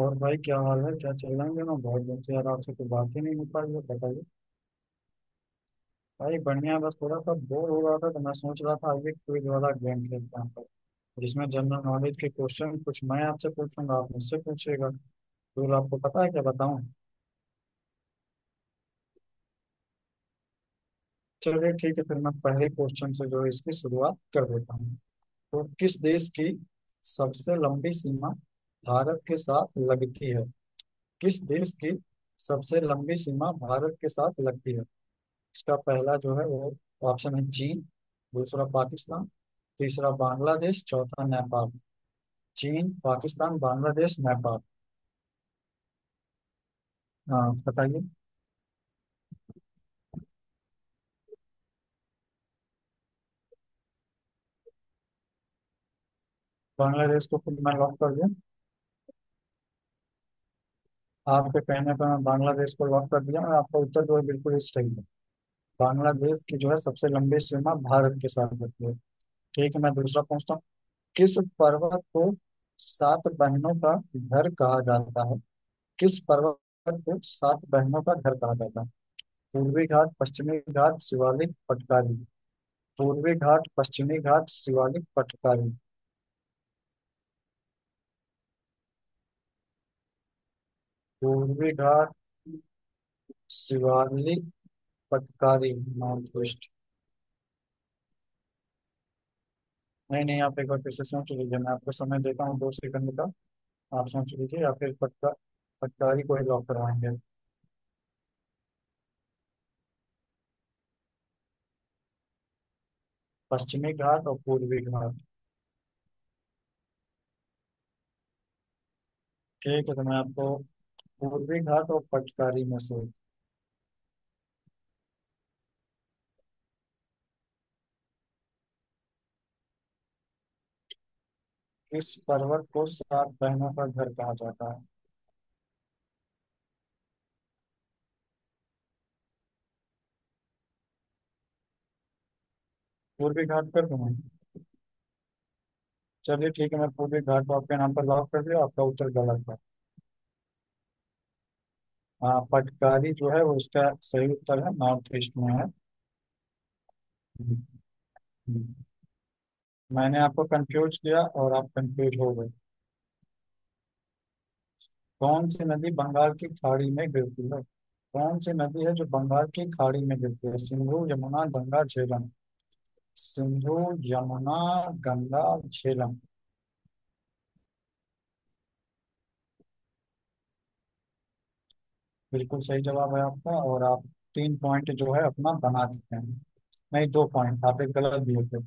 और भाई क्या हाल है, क्या चल रहा है ना। बहुत दिन से यार आपसे कोई बात ही नहीं हो पाई है, बताइए। भाई बढ़िया, बस थोड़ा सा बोर हो रहा था तो मैं सोच रहा था आगे क्विज वाला गेम खेलते हैं तो, जिसमें जनरल नॉलेज के क्वेश्चन कुछ मैं आपसे पूछूंगा, आप मुझसे पूछिएगा। तो आपको पता है क्या बताऊं। चलिए ठीक है, फिर मैं पहले क्वेश्चन से जो है इसकी शुरुआत कर देता हूँ। तो किस देश की सबसे लंबी सीमा भारत के साथ लगती है? किस देश की सबसे लंबी सीमा भारत के साथ लगती है? इसका पहला जो है वो ऑप्शन है चीन, दूसरा पाकिस्तान, तीसरा बांग्लादेश, चौथा नेपाल। चीन, पाकिस्तान, बांग्लादेश, नेपाल। हाँ बताइए। बांग्लादेश को खुद मैं लॉक कर दिया। आपके कहने पर मैं बांग्लादेश को लॉक कर दिया और आपका उत्तर जो है बिल्कुल ही सही है। बांग्लादेश की जो है सबसे लंबी सीमा भारत के साथ लगती है। ठीक है मैं दूसरा पूछता हूँ। किस पर्वत को सात बहनों का घर कहा जाता है? किस पर्वत को सात बहनों का घर कहा जाता है? पूर्वी घाट, पश्चिमी घाट, शिवालिक, पटकारी। पूर्वी घाट, पश्चिमी घाट, शिवालिक, पटकारी। पूर्वी घाट, शिवालिक, पटकारी, माउंट वेस्ट। नहीं नहीं, आप एक बार फिर से सोच लीजिए, मैं आपको समय देता हूँ 2 सेकंड का। आप सोच लीजिए या फिर पटका पटकारी को ही लॉक करवाएंगे। पश्चिमी घाट और पूर्वी घाट। ठीक है तो मैं आपको पूर्वी घाट और पटकारी में से किस पर्वत को सात बहनों का घर कहा जाता है? पूर्वी घाट कर दूं मैं? चलिए ठीक है मैं पूर्वी घाट को आपके नाम पर लॉक कर दिया, आपका उत्तर गलत है। हाँ, पटकारी जो है वो इसका सही उत्तर है, नॉर्थ ईस्ट में है। हम्म। मैंने आपको कंफ्यूज किया और आप कंफ्यूज हो गए। कौन सी नदी बंगाल की खाड़ी में गिरती है? कौन सी नदी है जो बंगाल की खाड़ी में गिरती है? सिंधु, यमुना, गंगा, झेलम। सिंधु, यमुना, गंगा, झेलम। बिल्कुल सही जवाब है आपका, और आप 3 पॉइंट जो है अपना बना चुके हैं। नहीं, 2 पॉइंट, आप एक गलत दिए थे।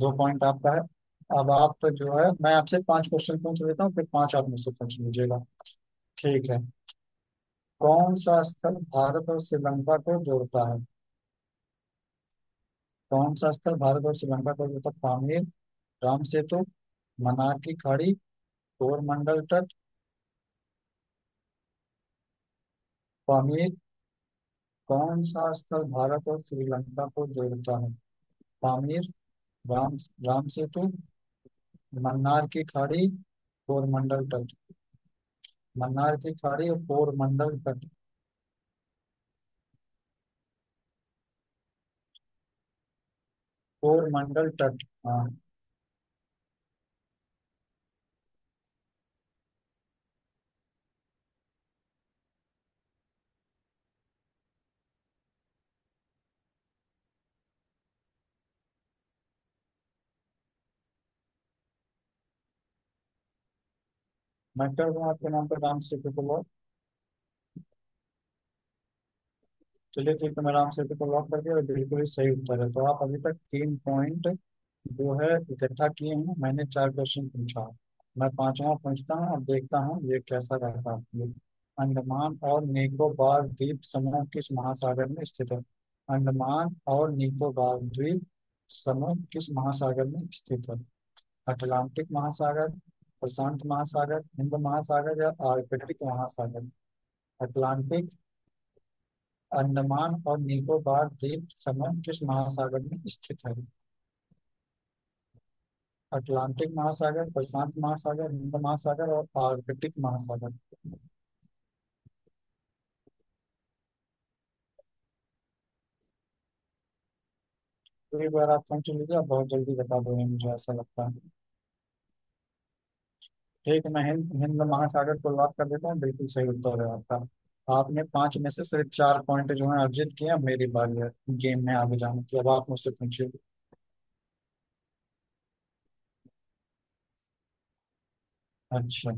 2 पॉइंट आपका है। अब आप जो है मैं आपसे 5 क्वेश्चन पूछ लेता हूँ, फिर 5 आप मुझसे पूछ लीजिएगा। ठीक है। कौन सा स्थल भारत और श्रीलंका को जोड़ता है? कौन सा स्थल भारत और श्रीलंका को जोड़ता है? पामीर, राम सेतु, मन्नार की खाड़ी, कोरमंडल तट। पामीर, कौन सा स्थल भारत और श्रीलंका को जोड़ता है? पामीर, राम राम सेतु, मन्नार की खाड़ी, कोरमंडल तट। मन्नार की खाड़ी और कोरमंडल तट। कोरमंडल तट हाँ। मैं कर रहा हूँ आपके नाम पर डांस सीखे। चलिए ठीक है, मैंने आपसे को लॉक कर दिया और बिल्कुल ही सही उत्तर है, तो आप अभी तक 3 पॉइंट जो है इकट्ठा किए हैं। मैंने 4 क्वेश्चन पूछा, मैं पांचवा पूछता हूँ, अब देखता हूँ ये कैसा रहता है आपके लिए। अंडमान और निकोबार द्वीप समूह किस महासागर में स्थित है? अंडमान और निकोबार द्वीप समूह किस महासागर में स्थित है? अटलांटिक महासागर, प्रशांत महासागर, हिंद महासागर या आर्कटिक महासागर। अटलांटिक, अंडमान और निकोबार द्वीप समूह किस महासागर में स्थित है? अटलांटिक महासागर, प्रशांत महासागर, हिंद महासागर और आर्कटिक महासागर। तो एक बार आप समझ लीजिए, आप बहुत जल्दी बता दोगे मुझे ऐसा लगता है। ठीक है, मैं हिंद हिंद महासागर को लॉक कर देता हूँ, बिल्कुल सही उत्तर है आपका। आपने 5 में से सिर्फ 4 पॉइंट जो है अर्जित किए, अब मेरी बारी है गेम में आगे जाने की, अब आप मुझसे पूछिए। अच्छा।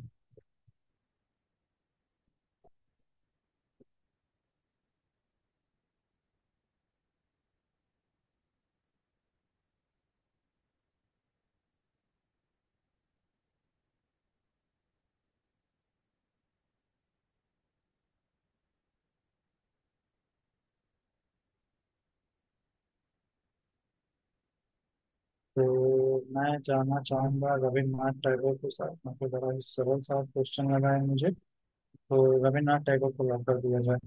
तो मैं जानना चाहूंगा, रविन्द्रनाथ टैगोर के साथ, मतलब बड़ा ही सरल सा क्वेश्चन लगा है मुझे। तो रविन्द्रनाथ टैगोर को लॉक कर दिया जाए।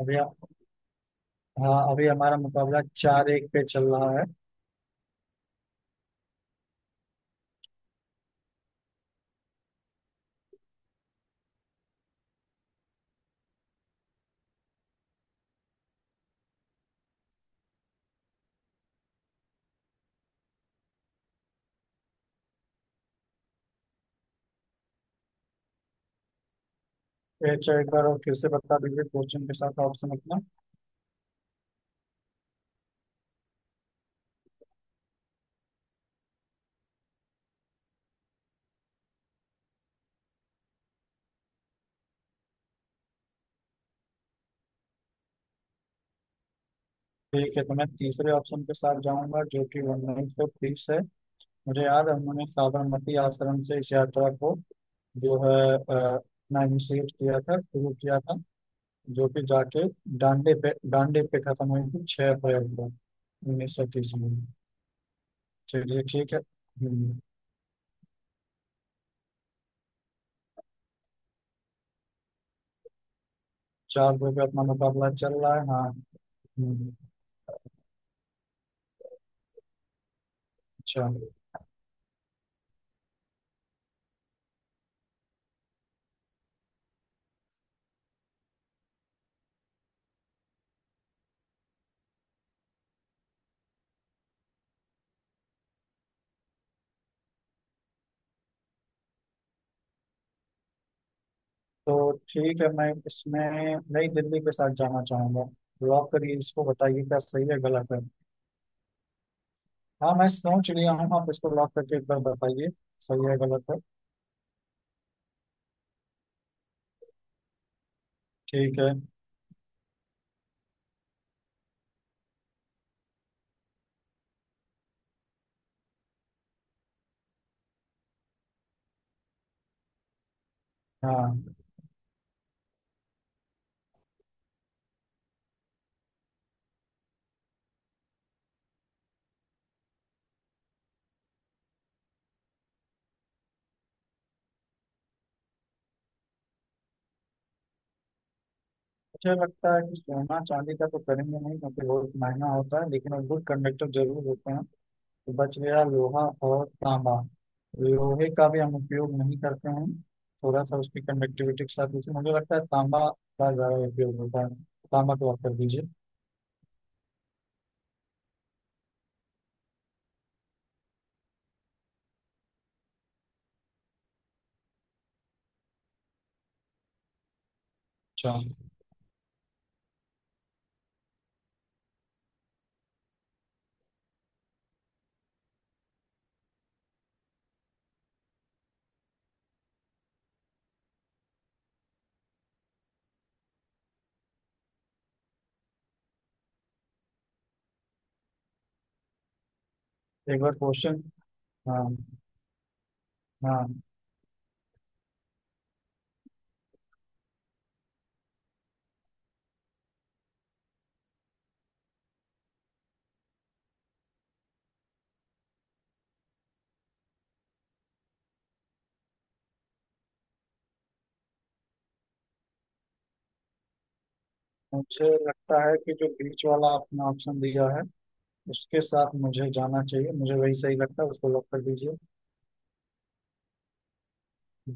अभी, हाँ अभी हमारा मुकाबला 4-1 पे चल रहा है। ये चलो, एक बार और फिर से बता दीजिए क्वेश्चन के साथ ऑप्शन अपना। ठीक है तो मैं तीसरे ऑप्शन के साथ जाऊंगा जो कि 1930 है। मुझे याद है उन्होंने साबरमती आश्रम से इस यात्रा को जो है इनिशिएट किया था, शुरू किया था, जो कि जाके डांडे पे खत्म हुई थी 6 अप्रैल को 1930 में। चलिए ठीक है। 4-2 पे अपना मुकाबला चल रहा है हाँ। हम्म, अच्छा। तो ठीक है मैं इसमें नई दिल्ली के साथ जाना चाहूंगा। लॉक करिए इसको, बताइए क्या सही है गलत है। हाँ मैं सोच लिया हूँ, आप इसको लॉक करके एक बार बताइए सही है गलत है। ठीक है। हाँ, मुझे लगता है कि सोना चांदी का तो करेंगे नहीं क्योंकि बहुत महंगा होता है, लेकिन गुड कंडक्टर जरूर होते हैं। तो बच गया लोहा और तांबा। लोहे का भी हम उपयोग नहीं करते हैं, थोड़ा सा उसकी कंडक्टिविटी के साथ, इसलिए मुझे लगता है तांबा का ज्यादा उपयोग होता है। तांबा को आप कर दीजिए। अच्छा। एक बार क्वेश्चन, हाँ। हाँ, मुझे लगता है कि जो बीच वाला आपने ऑप्शन दिया है उसके साथ मुझे जाना चाहिए, मुझे वही सही लगता है, उसको लॉक कर दीजिए।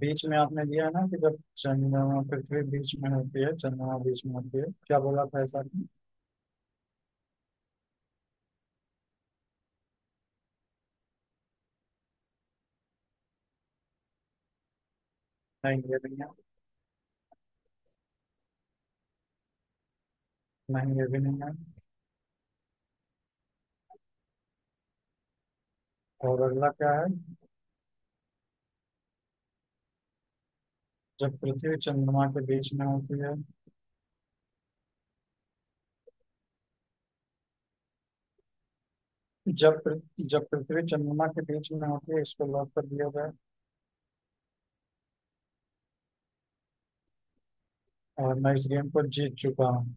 बीच में आपने दिया है ना कि जब चंद्रमा पृथ्वी बीच में होती है, चंद्रमा बीच में होती है, क्या बोला था ऐसा आपने? नहीं ये नहीं है। नहीं ये भी नहीं है। और अगला क्या है? जब पृथ्वी चंद्रमा के बीच में होती है। जब पृथ्वी चंद्रमा के बीच में होती है, इसको लॉक कर दिया जाए। और मैं इस गेम को जीत चुका हूँ।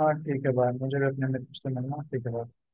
हाँ ठीक है भाई, मुझे भी अपने मित्र से मिलना है, ठीक है भाई।